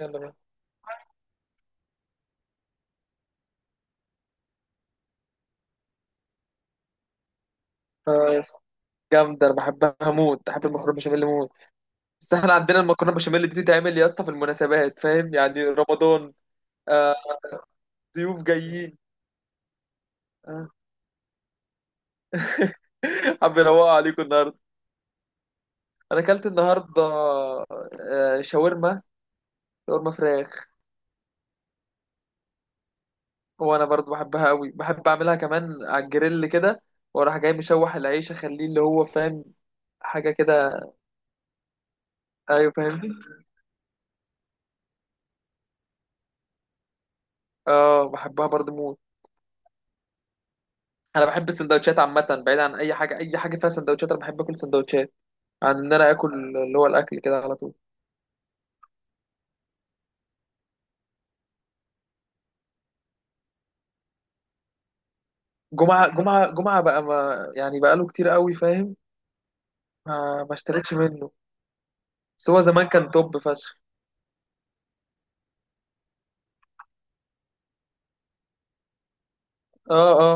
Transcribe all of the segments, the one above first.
يلا بقى. اه يا اسطى، جامدة، أنا بحبها موت، بحب المكرونة بشاميل موت. بس احنا عندنا المكرونة بشاميل دي تتعمل يا اسطى في المناسبات، فاهم، يعني رمضان. آه. ضيوف جايين. آه. حابب أروق عليكم النهاردة. أنا أكلت النهاردة شاورما. شاورما فراخ. وأنا برضو بحبها قوي، بحب أعملها كمان على الجريل كده، وأروح جاي مشوح العيش أخليه اللي هو فاهم، حاجة كده. أيوه، فاهمني. اه، بحبها برضو موت. أنا بحب السندوتشات عامة، بعيد عن أي حاجة، أي حاجة فيها سندوتشات أنا بحب أكل سندوتشات، عن ان انا اكل اللي هو الاكل كده على طول. جمعه جمعه جمعه بقى ما يعني بقى له كتير قوي، فاهم. ما اشتريتش منه. بس هو زمان كان توب فشخ. اه، اه.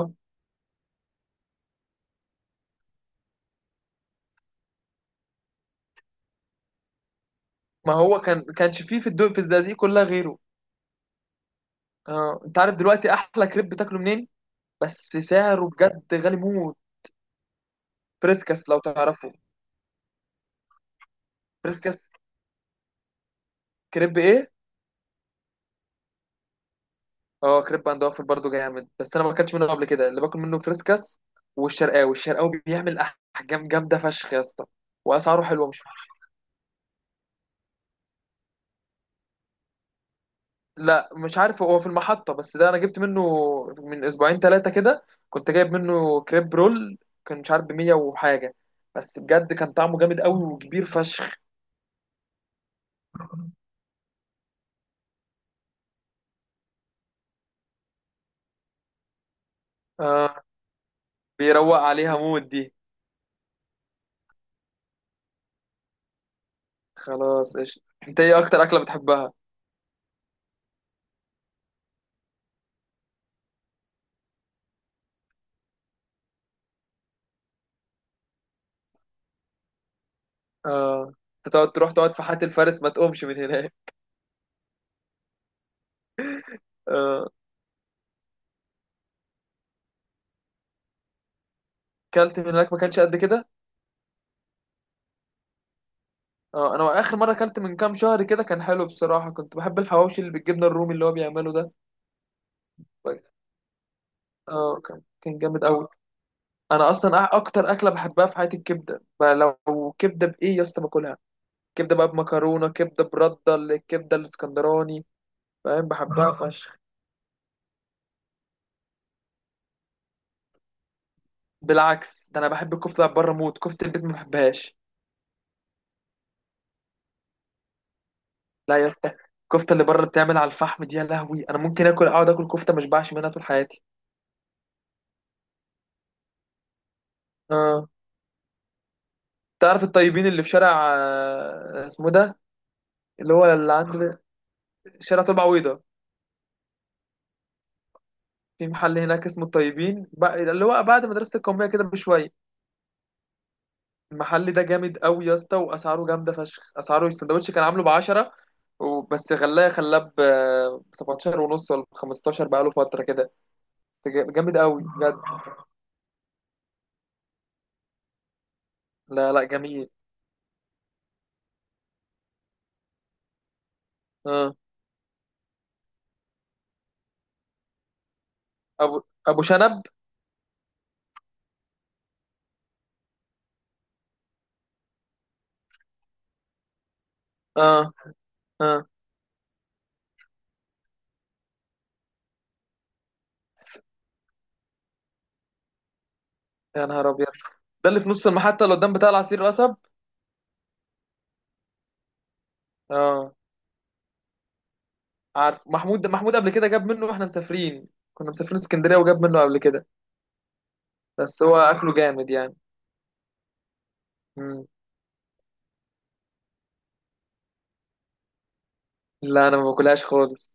ما هو كانش فيه، في الزقازيق كلها غيره. اه، انت عارف دلوقتي احلى كريب بتاكله منين؟ بس سعره بجد غالي موت. بريسكس لو تعرفه. بريسكس. كريب ايه. اه، كريب عند وافل برضه جامد، بس انا ما اكلتش منه قبل كده، اللي باكل منه فريسكس. والشرقاوي بيعمل احجام جامده فشخ يا اسطى، واسعاره حلوه مش. لا، مش عارف، هو في المحطة. بس ده أنا جبت منه من أسبوعين ثلاثة كده، كنت جايب منه كريب رول، كان مش عارف بمية وحاجة. بس بجد كان طعمه جامد قوي وكبير فشخ. آه. بيروق عليها مود دي. خلاص، قشطة. أنت إيه أكتر أكلة بتحبها؟ آه. أنت تقعد تروح تقعد في حاتي الفارس ما تقومش من هناك. آه. أكلت من هناك ما كانش قد كده. آه، أنا آخر مرة أكلت من كام شهر كده كان حلو بصراحة، كنت بحب الحواوشي اللي بالجبنة الرومي اللي هو بيعمله ده. اه، كان جامد قوي. انا اصلا اكتر اكله بحبها في حياتي الكبده بقى، لو كبده بايه يا اسطى باكلها، كبده بقى بمكرونه، كبده برده الكبده الاسكندراني، فاهم، بحبها آه، فشخ. بالعكس، ده انا بحب الكفته اللي بره موت، كفته البيت ما بحبهاش. لا يا اسطى، الكفته اللي بره بتعمل على الفحم دي يا لهوي، انا ممكن اكل اقعد اكل كفته ما اشبعش منها طول حياتي. اه، تعرف الطيبين اللي في شارع، اسمه ده، اللي هو اللي عند شارع طلبة عويضة؟ في محل هناك اسمه الطيبين اللي هو بعد مدرسة القومية كده بشوية. المحل ده جامد قوي يا اسطى، واسعاره جامده فشخ، اسعاره السندوتش كان عامله ب 10، وبس غلاه خلاه ب 17 ونص ولا ب 15 بقاله فتره كده. جامد قوي بجد. لا لا، جميل. اه، ابو ابو شنب. اه، اه، يا نهار ابيض، ده اللي في نص المحطه اللي قدام بتاع العصير القصب. اه، عارف، محمود قبل كده جاب منه واحنا مسافرين، كنا مسافرين اسكندريه وجاب منه قبل كده، بس هو اكله جامد يعني. مم. لا، انا ما باكلهاش خالص،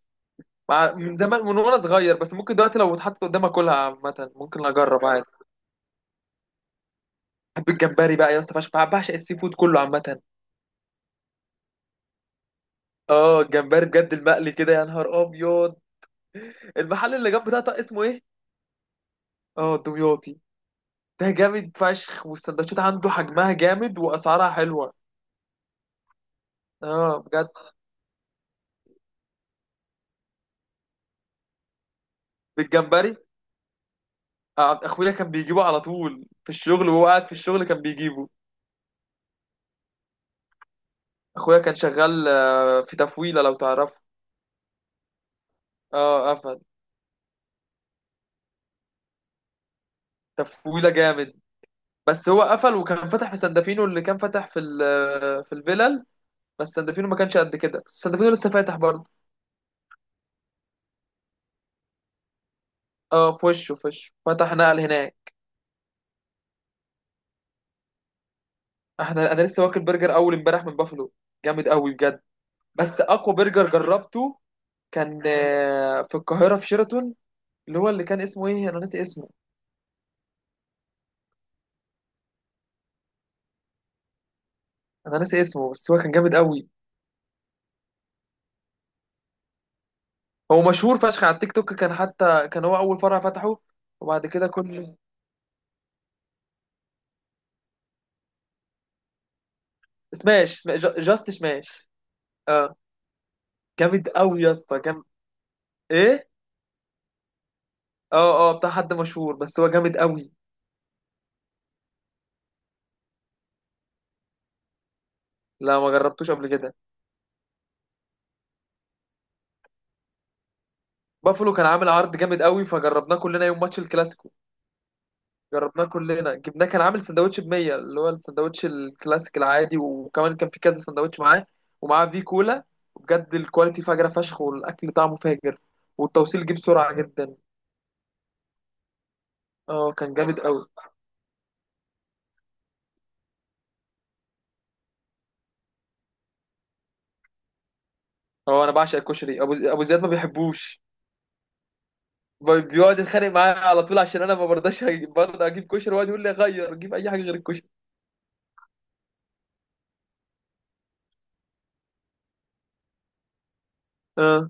من زمان، من وانا صغير، بس ممكن دلوقتي لو اتحط قدامي اكلها عامة ممكن اجرب عادي. بحب الجمبري بقى يا اسطى فشخ، بعشق السي فود كله عامة. اه، الجمبري بجد المقلي كده، يا نهار ابيض. المحل اللي جنب ده طق اسمه ايه؟ اه، دمياطي. ده جامد فشخ، والسندوتشات عنده حجمها جامد واسعارها حلوة. اه، بجد. بالجمبري. اخويا كان بيجيبه على طول في الشغل، وهو قاعد في الشغل كان بيجيبه. اخويا كان شغال في تفويلة، لو تعرفه. اه، قفل. تفويلة جامد. بس هو قفل، وكان فتح في سندفينو اللي كان فتح في في الفيلل. بس سندفينو ما كانش قد كده، بس سندفينو لسه فاتح برضه. اه، في وشه فتح، نقل هناك. انا لسه واكل برجر اول امبارح من بافلو، جامد قوي بجد. بس اقوى برجر جربته كان في القاهره، في شيراتون، اللي هو اللي كان اسمه ايه، انا ناسي اسمه. انا ناسي اسمه، بس هو كان جامد قوي. هو مشهور فشخ على التيك توك، كان حتى كان هو اول فرع فتحه، وبعد كده كل جاست سماش. اه، جامد قوي يا اسطى، جامد. ايه. اه، اه، بتاع حد مشهور، بس هو جامد قوي. لا، ما جربتوش قبل كده. بافلو كان عامل عرض جامد قوي، فجربناه كلنا يوم ماتش الكلاسيكو. جربناه كلنا، جبناه، كان عامل سندوتش ب 100، اللي هو السندوتش الكلاسيك العادي، وكمان كان في كذا سندوتش معاه، ومعاه في كولا. بجد الكواليتي فجرة فشخ، والاكل طعمه فاجر، والتوصيل جه بسرعة جدا. اه، كان جامد قوي. اه، انا بعشق الكشري، ابو زياد ما بيحبوش، بيقعد يتخانق معايا على طول، عشان انا ما برضاش برضه اجيب كشري، ويقعد يقول لي غير جيب اي حاجه غير الكشري. اه،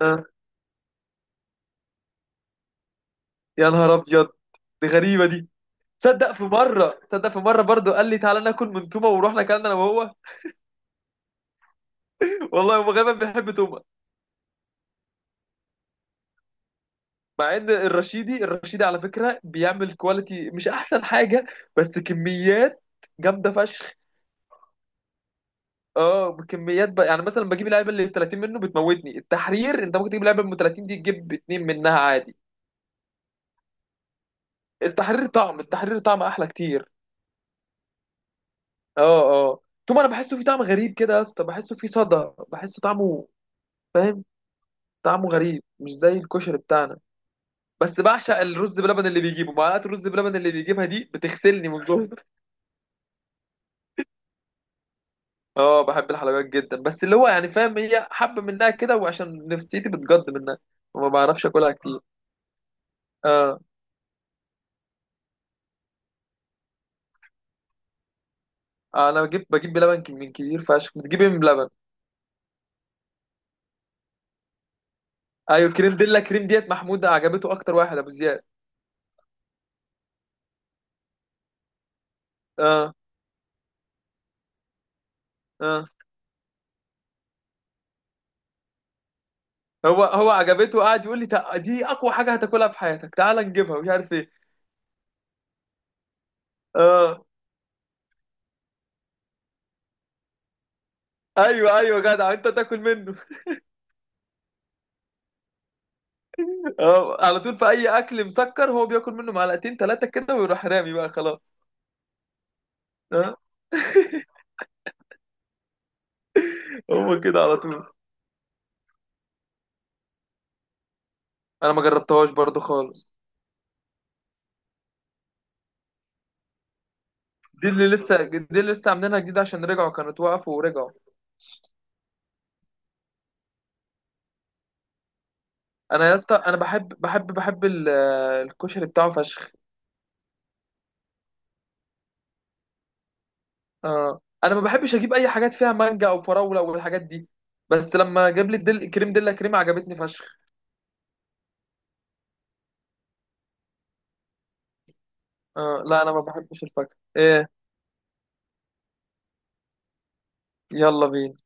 اه، يا نهار ابيض، دي غريبه دي. تصدق في مره برضو قال لي تعالى ناكل من تومه، ورحنا اكلنا انا وهو. والله هو غالبا بيحب تومه. مع ان الرشيدي على فكره بيعمل كواليتي مش احسن حاجه، بس كميات جامده فشخ. اه، كميات بقى، يعني مثلا بجيب اللعيبه اللي 30 منه بتموتني، التحرير انت ممكن تجيب لعيبه من 30 دي تجيب اتنين منها عادي. التحرير طعم احلى كتير. اه، اه، تومه انا بحسه فيه طعم غريب كده يا اسطى، بحسه فيه صدى، بحسه طعمه، فاهم، طعمه غريب، مش زي الكشري بتاعنا. بس بعشق الرز بلبن اللي بيجيبه، معلقه الرز بلبن اللي بيجيبها دي بتغسلني من جوه. اه، بحب الحلويات جدا، بس اللي هو يعني، فاهم، هي حبه منها كده، وعشان نفسيتي بتجد منها وما بعرفش اكلها كتير. اه، انا بجيب بلبن من كتير فشخ بتجيب إيه من بلبن. ايوه، كريم ديلا كريم ديت، محمود عجبته اكتر واحد، ابو زياد. اه، اه. هو عجبته، قاعد يقول لي، دي اقوى حاجه هتاكلها في حياتك، تعال نجيبها، مش عارف ايه". اه، ايوه ايوه، جدع انت تاكل منه. اه. على طول، في اي اكل مسكر هو بياكل منه معلقتين ثلاثه كده ويروح رامي بقى، خلاص. اه هو كده على طول انا ما جربتهاش برضو خالص. دي اللي لسه عاملينها جديد عشان رجعوا، كانت وقفوا ورجعوا. انا يا اسطى، انا بحب الكشري بتاعه فشخ. اه، انا ما بحبش اجيب اي حاجات فيها مانجا او فراوله والحاجات دي، بس لما جاب لي كريم دلة كريم عجبتني فشخ. اه، لا، انا ما بحبش الفاكهه ايه. يلا بينا.